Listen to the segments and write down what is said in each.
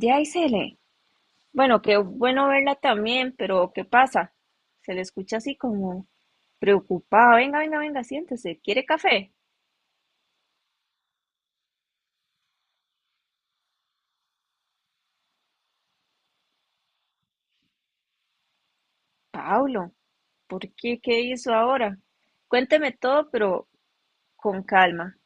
Ya, Isele. Bueno, qué bueno verla también, pero ¿qué pasa? Se le escucha así como preocupada. Venga, venga, venga, siéntese. ¿Quiere café? Pablo, ¿por qué? ¿Qué hizo ahora? Cuénteme todo, pero con calma.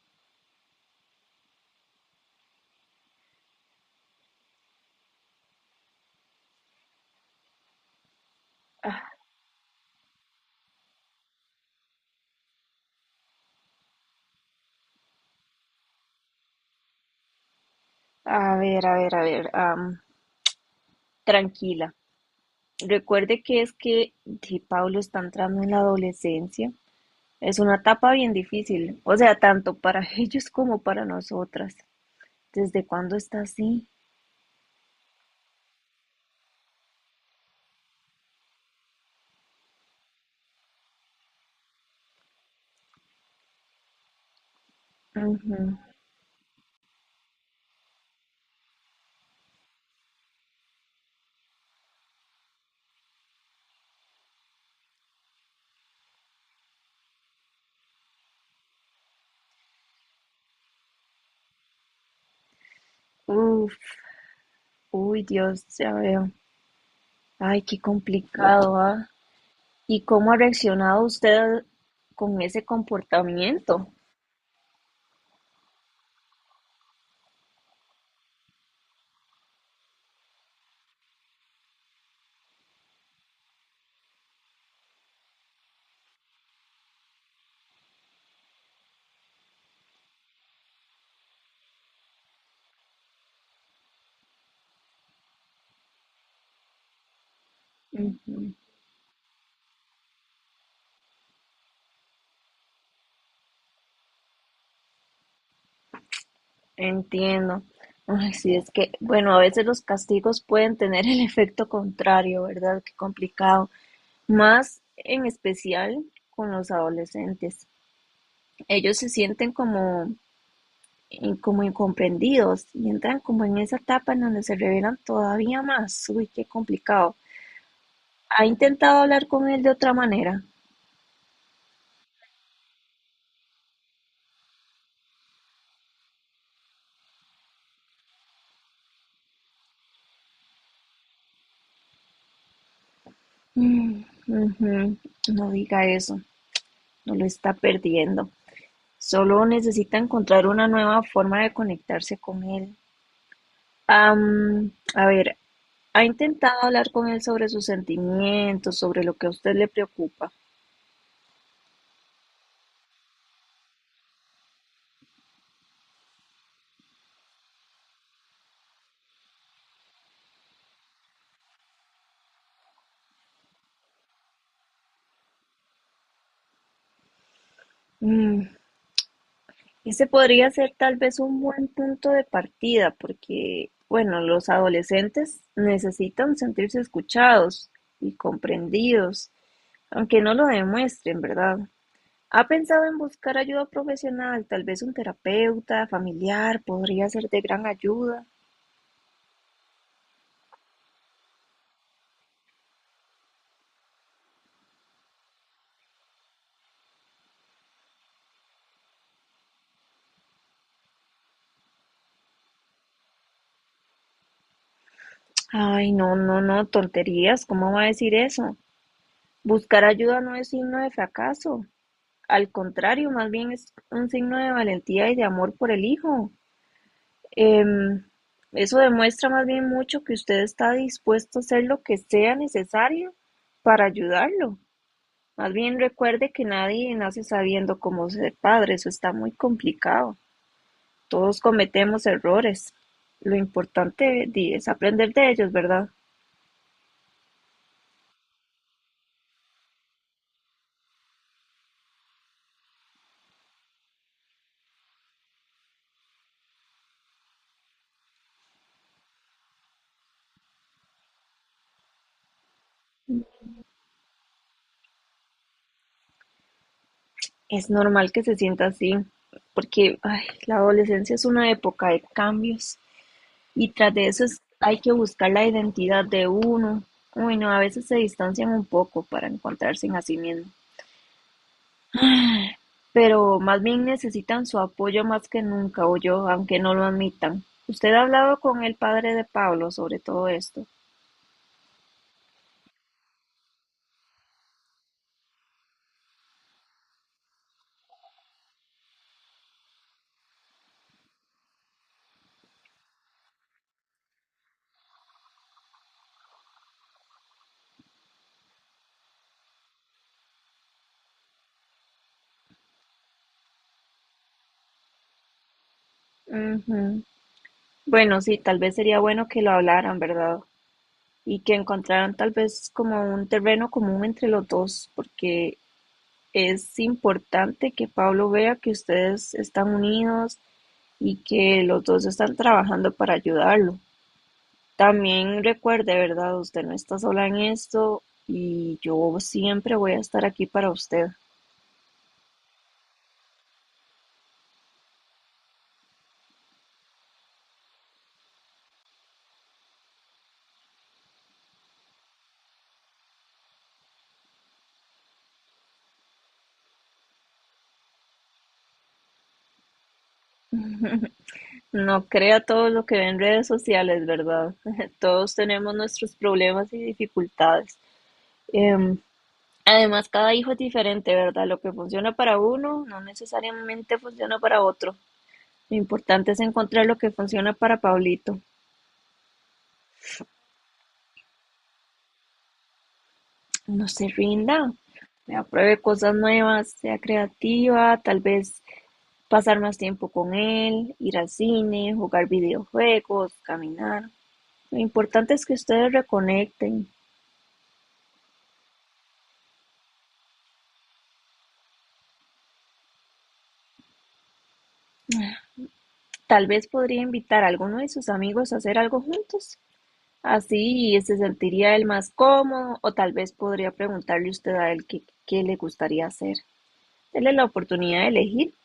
Ah. A ver, a ver, a ver, tranquila. Recuerde que es que de Pablo está entrando en la adolescencia. Es una etapa bien difícil, o sea, tanto para ellos como para nosotras. ¿Desde cuándo está así? Ujú. Uf, uy, Dios, ya veo. Ay, qué complicado, ¿ah? ¿Y cómo ha reaccionado usted con ese comportamiento? Ujú. Entiendo. Ay, sí, es que, bueno, a veces los castigos pueden tener el efecto contrario, ¿verdad? Qué complicado. Más en especial con los adolescentes. Ellos se sienten como, como incomprendidos y entran como en esa etapa en donde se revelan todavía más. Uy, qué complicado. ¿Ha intentado hablar con él de otra manera? Mm, ujú. No diga eso, no lo está perdiendo. Solo necesita encontrar una nueva forma de conectarse con él. A ver, ¿ha intentado hablar con él sobre sus sentimientos, sobre lo que a usted le preocupa? Mm, ese podría ser tal vez un buen punto de partida, porque, bueno, los adolescentes necesitan sentirse escuchados y comprendidos, aunque no lo demuestren, ¿verdad? ¿Ha pensado en buscar ayuda profesional? Tal vez un terapeuta familiar podría ser de gran ayuda. Ay, no, no, no, tonterías, ¿cómo va a decir eso? Buscar ayuda no es signo de fracaso. Al contrario, más bien es un signo de valentía y de amor por el hijo. Em, eso demuestra más bien mucho que usted está dispuesto a hacer lo que sea necesario para ayudarlo. Más bien recuerde que nadie nace sabiendo cómo ser padre, eso está muy complicado. Todos cometemos errores. Lo importante di, es aprender de ellos, ¿verdad? Es normal que se sienta así, porque ay, la adolescencia es una época de cambios y tras de eso hay que buscar la identidad de uno. Uy, no, a veces se distancian un poco para encontrarse en a sí mismo. Pero más bien necesitan su apoyo más que nunca, o yo, aunque no lo admitan. ¿Usted ha hablado con el padre de Pablo sobre todo esto? Ujú. Bueno, sí, tal vez sería bueno que lo hablaran, ¿verdad? Y que encontraran tal vez como un terreno común entre los dos, porque es importante que Pablo vea que ustedes están unidos y que los dos están trabajando para ayudarlo. También recuerde, ¿verdad? Usted no está sola en esto y yo siempre voy a estar aquí para usted. No crea todo lo que ve en redes sociales, ¿verdad? Todos tenemos nuestros problemas y dificultades. Em, Además, cada hijo es diferente, ¿verdad? Lo que funciona para uno no necesariamente funciona para otro. Lo importante es encontrar lo que funciona para Pablito. No se rinda, vea, pruebe cosas nuevas, sea creativa, tal vez pasar más tiempo con él, ir al cine, jugar videojuegos, caminar. Lo importante es que ustedes reconecten. Tal vez podría invitar a alguno de sus amigos a hacer algo juntos. Así se sentiría él más cómodo, o tal vez podría preguntarle usted a él qué, qué le gustaría hacer. Dele la oportunidad de elegir.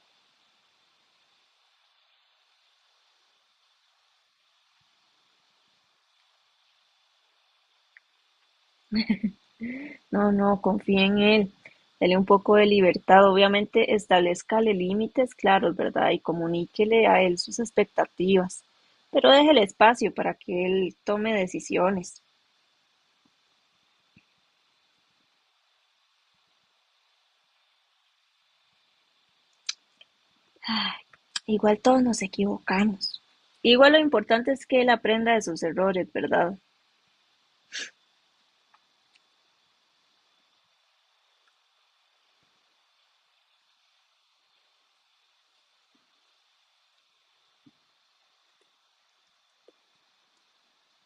No, no, confíe en él. Dele un poco de libertad. Obviamente, establezcale límites claros, ¿verdad? Y comuníquele a él sus expectativas. Pero déjele espacio para que él tome decisiones. Ay, igual todos nos equivocamos. Igual lo importante es que él aprenda de sus errores, ¿verdad?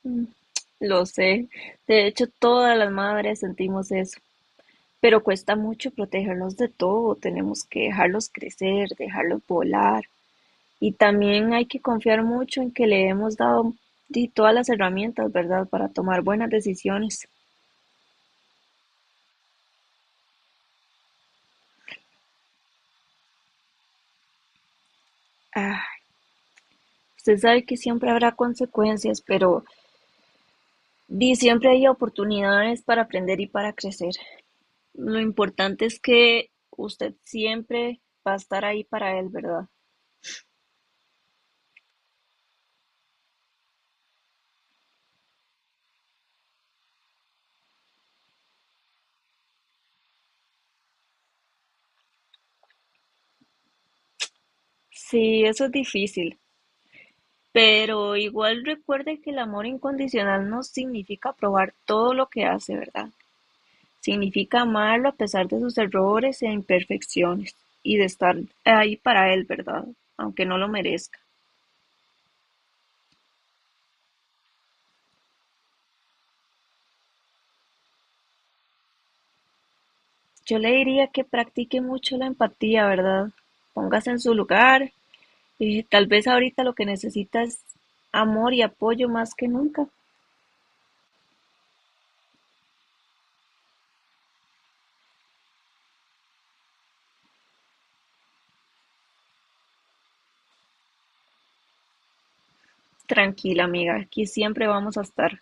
Mm, lo sé, de hecho todas las madres sentimos eso, pero cuesta mucho protegerlos de todo, tenemos que dejarlos crecer, dejarlos volar y también hay que confiar mucho en que le hemos dado di, todas las herramientas, ¿verdad?, para tomar buenas decisiones. Ah, usted sabe que siempre habrá consecuencias, pero di, siempre hay oportunidades para aprender y para crecer. Lo importante es que usted siempre va a estar ahí para él, ¿verdad? Sí, eso es difícil. Pero igual recuerde que el amor incondicional no significa aprobar todo lo que hace, ¿verdad? Significa amarlo a pesar de sus errores e imperfecciones y de estar ahí para él, ¿verdad? Aunque no lo merezca. Yo le diría que practique mucho la empatía, ¿verdad? Póngase en su lugar. Tal vez ahorita lo que necesita es amor y apoyo más que nunca. Tranquila, amiga, aquí siempre vamos a estar.